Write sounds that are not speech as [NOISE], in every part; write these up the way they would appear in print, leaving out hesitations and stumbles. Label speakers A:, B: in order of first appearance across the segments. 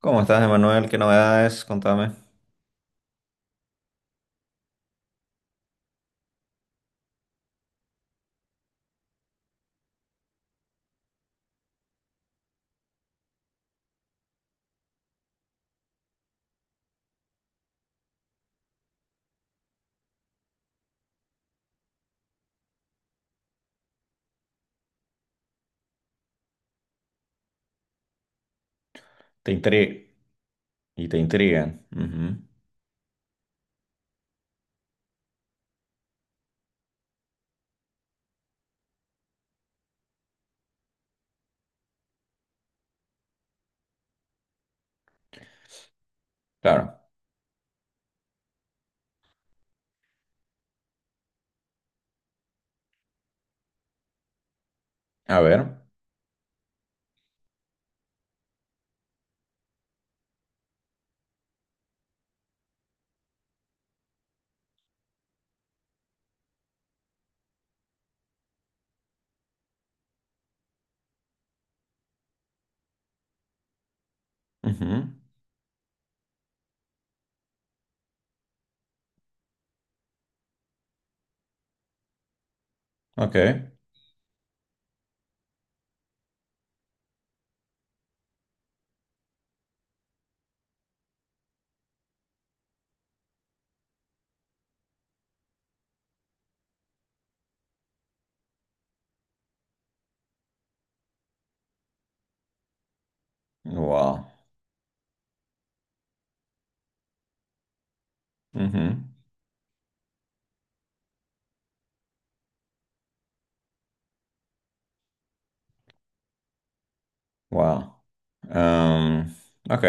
A: ¿Cómo estás, Emanuel? ¿Qué novedades? Contame. Te intri- y te intrigan. Ujú. Claro. A ver. Ujú. Ok. Wow. Ujú. Wow. Am, ok.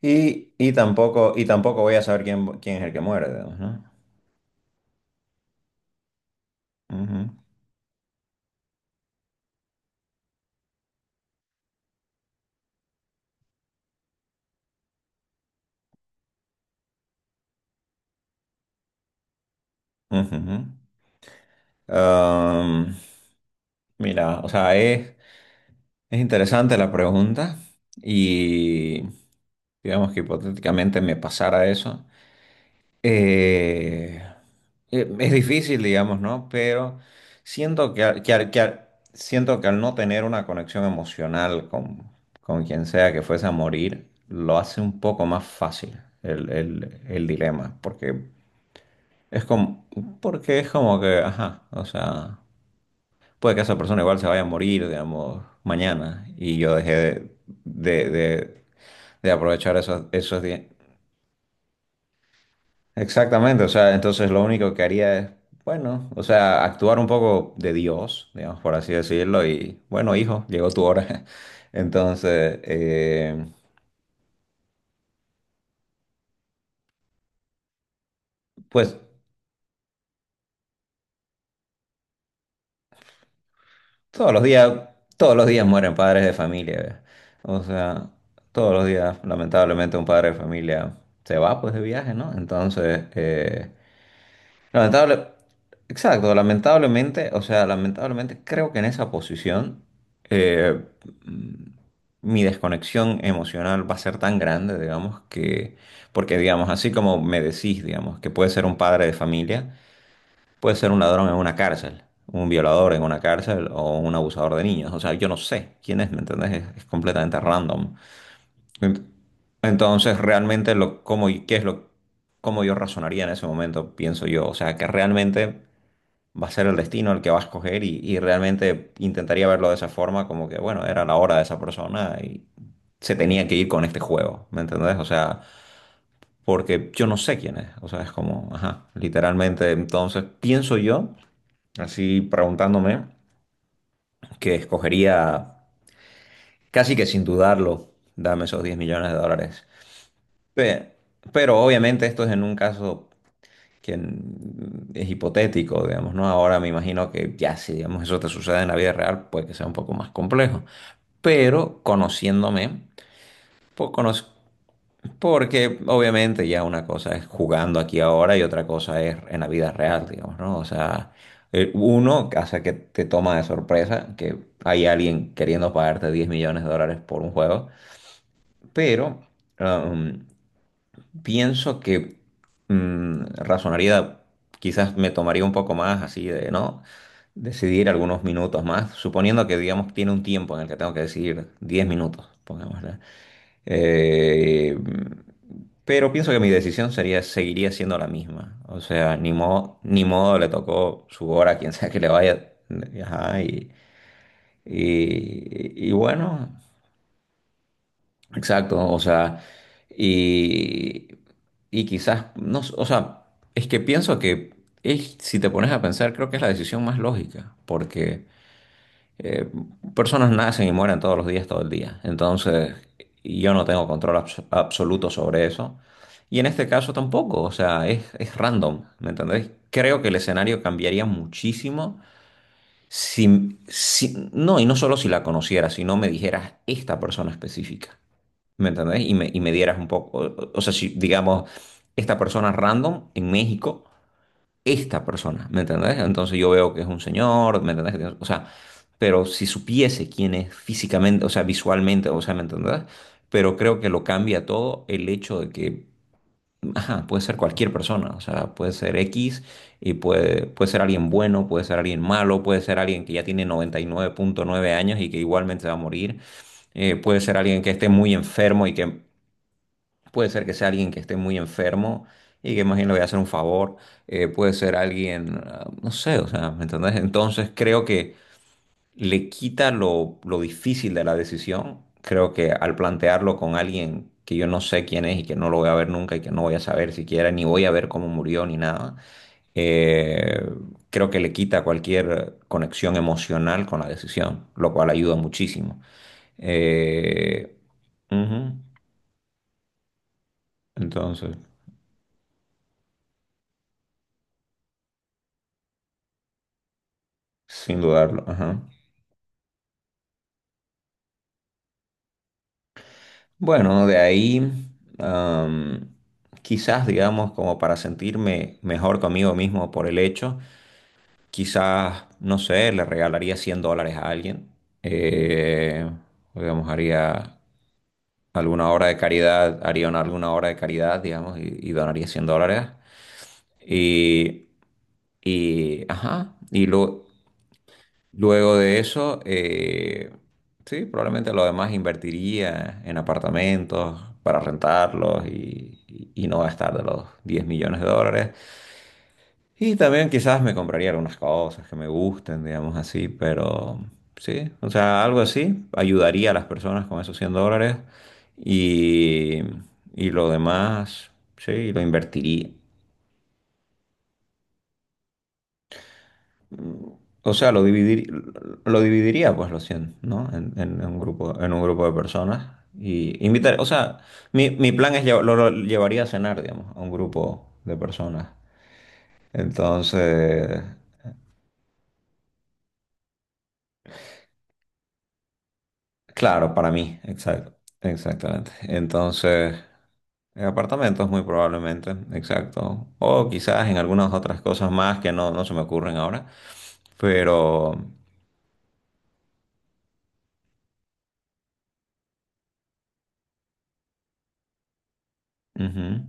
A: Y tampoco voy a saber quién es el que muere, digamos, ¿no? Ujú. Ujú. Am, Mira, o sea, es interesante la pregunta. Y digamos que hipotéticamente me pasara eso. Eh, es difícil, digamos, ¿no? Pero siento que, al- que, al- que al- siento que al no tener una conexión emocional con quien sea que fuese a morir, lo hace un poco más fácil el dilema, es como, porque es como que, ajá, o sea, puede que esa persona igual se vaya a morir, digamos, mañana, y yo dejé de, de- de aprovechar esos días. Exactamente, o sea, entonces lo único que haría es, bueno, o sea, actuar un poco de Dios, digamos, por así decirlo, y bueno, hijo, llegó tu hora. [LAUGHS] Entonces, pues todos los días, todos los días mueren padres de familia, ¿ve? O sea, todos los días, lamentablemente, un padre de familia se va pues de viaje, ¿no? Entonces, Lamentable, exacto, lamentablemente, o sea, lamentablemente creo que en esa posición eh, mm, mi desconexión emocional va a ser tan grande, digamos, que, porque digamos, así como me decís, digamos, que puede ser un padre de familia, puede ser un ladrón en una cárcel, un violador en una cárcel o un abusador de niños, o sea, yo no sé quién es, ¿me entendés? Es completamente random. Ent- Entonces, realmente, lo, cómo, y- ¿qué es lo, cómo yo razonaría en ese momento, pienso yo? O sea, que realmente va a ser el destino el que va a escoger y realmente intentaría verlo de esa forma, como que, bueno, era la hora de esa persona y se tenía que ir con este juego, ¿me entendés? O sea, porque yo no sé quién es, o sea, es como, ajá, literalmente, entonces pienso yo, así preguntándome, que escogería casi que sin dudarlo, dame esos $10 millones. Pe- Pero, obviamente esto es en un caso que es hipotético, digamos, ¿no? Ahora me imagino que ya si, digamos, eso te sucede en la vida real, puede que sea un poco más complejo. Pero conociéndome, pues, conoz- porque obviamente ya una cosa es jugando aquí ahora y otra cosa es en la vida real, digamos, ¿no? O sea, uno, hace que te toma de sorpresa que hay alguien queriendo pagarte $10 millones por un juego, pero... um, pienso que razonaría, quizás me tomaría un poco más así de, ¿no? Decidir algunos minutos más, suponiendo que, digamos, tiene un tiempo en el que tengo que decidir 10 minutos, pongámosle. Eh, pero pienso que mi decisión sería, seguiría siendo la misma. O sea, ni modo, ni modo le tocó su hora a quien sea que le vaya. Ajá, y bueno. Exacto, o sea, y, y quizás, no, o sea, es que pienso que si te pones a pensar, creo que es la decisión más lógica, porque eh, personas nacen y mueren todos los días, todo el día, entonces yo no tengo control absoluto sobre eso, y en este caso tampoco, o sea, es random, ¿me entendéis? Creo que el escenario cambiaría muchísimo si, no, y no solo si la conocieras, sino me dijeras esta persona específica. ¿Me entendés? Y me dieras un poco, o sea, si digamos, esta persona random en México, esta persona, ¿me entendés? Entonces yo veo que es un señor, ¿me entendés? O sea, pero si supiese quién es físicamente, o sea, visualmente, o sea, ¿me entendés? Pero creo que lo cambia todo el hecho de que, ajá, puede ser cualquier persona, o sea, puede ser X y puede ser alguien bueno, puede ser alguien malo, puede ser alguien que ya tiene 99,9 años y que igualmente va a morir. Puede ser alguien que esté muy enfermo y que puede ser que sea alguien que esté muy enfermo y que más bien le voy a hacer un favor. Eh, puede ser alguien, ah, no sé, o sea, ¿me entendés? Entonces creo que le quita lo difícil de la decisión. Creo que al plantearlo con alguien que yo no sé quién es y que no lo voy a ver nunca y que no voy a saber siquiera, ni voy a ver cómo murió ni nada, eh, creo que le quita cualquier conexión emocional con la decisión, lo cual ayuda muchísimo. Eh, Ujú. Entonces. Sin dudarlo, ajá. Bueno, de ahí, am, quizás, digamos, como para sentirme mejor conmigo mismo por el hecho, quizás, no sé, le regalaría $100 a alguien. Eh, digamos, haría alguna obra de caridad, alguna obra de caridad, digamos, y donaría $100. Y, y, ajá, y, lo, luego de eso, sí, probablemente lo demás invertiría en apartamentos para rentarlos y no gastar de los $10 millones. Y también quizás me compraría algunas cosas que me gusten, digamos así, pero sí, o sea, algo así ayudaría a las personas con esos $100 y, y lo demás, sí, lo invertiría. O sea, lo dividiría, pues, los 100, ¿no? En un grupo de personas. Y invitar, o sea, mi plan es lo llevaría a cenar, digamos, a un grupo de personas. Entonces, claro, para mí, exacto, exactamente. Entonces, en apartamentos muy probablemente, exacto. O quizás en algunas otras cosas más que no, no se me ocurren ahora. Pero, ujú,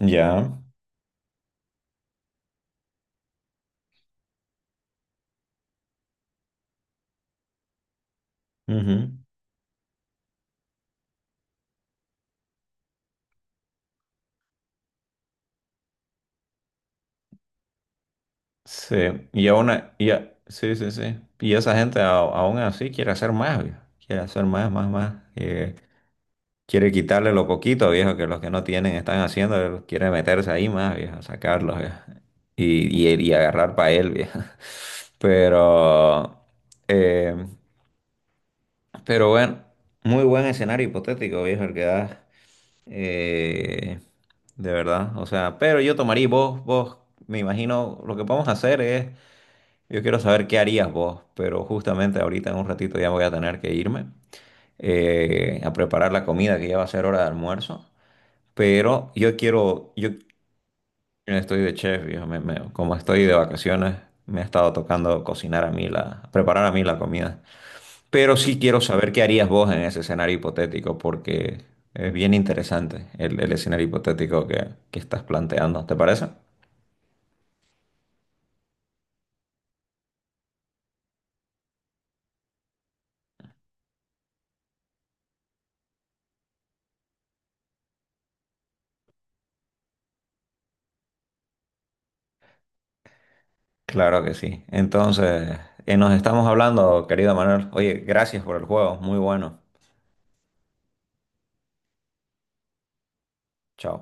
A: ya, ujú. Sí, y aún, sí, sí, sí. Y esa gente aún así quiere hacer más, viejo. Quiere hacer más, más, más. Quiere quitarle lo poquito, viejo, que los que no tienen están haciendo, quiere meterse ahí más, viejo, sacarlos, viejo. Y agarrar para él, viejo. [LAUGHS] Pero, eh, pero bueno, muy buen escenario hipotético, viejo, el que da. Eh, de verdad, o sea, pero yo tomaría y vos, me imagino, lo que podemos hacer es yo quiero saber qué harías vos, pero justamente ahorita en un ratito ya voy a tener que irme a preparar la comida que ya va a ser hora de almuerzo. Pero yo quiero, yo estoy de chef, viejo, como estoy de vacaciones, me ha estado tocando cocinar a mí la, preparar a mí la comida. Pero sí quiero saber qué harías vos en ese escenario hipotético, porque es bien interesante el escenario hipotético que estás planteando. ¿Te parece? Claro que sí. Entonces, nos estamos hablando, querido Manuel. Oye, gracias por el juego, muy bueno. Chao.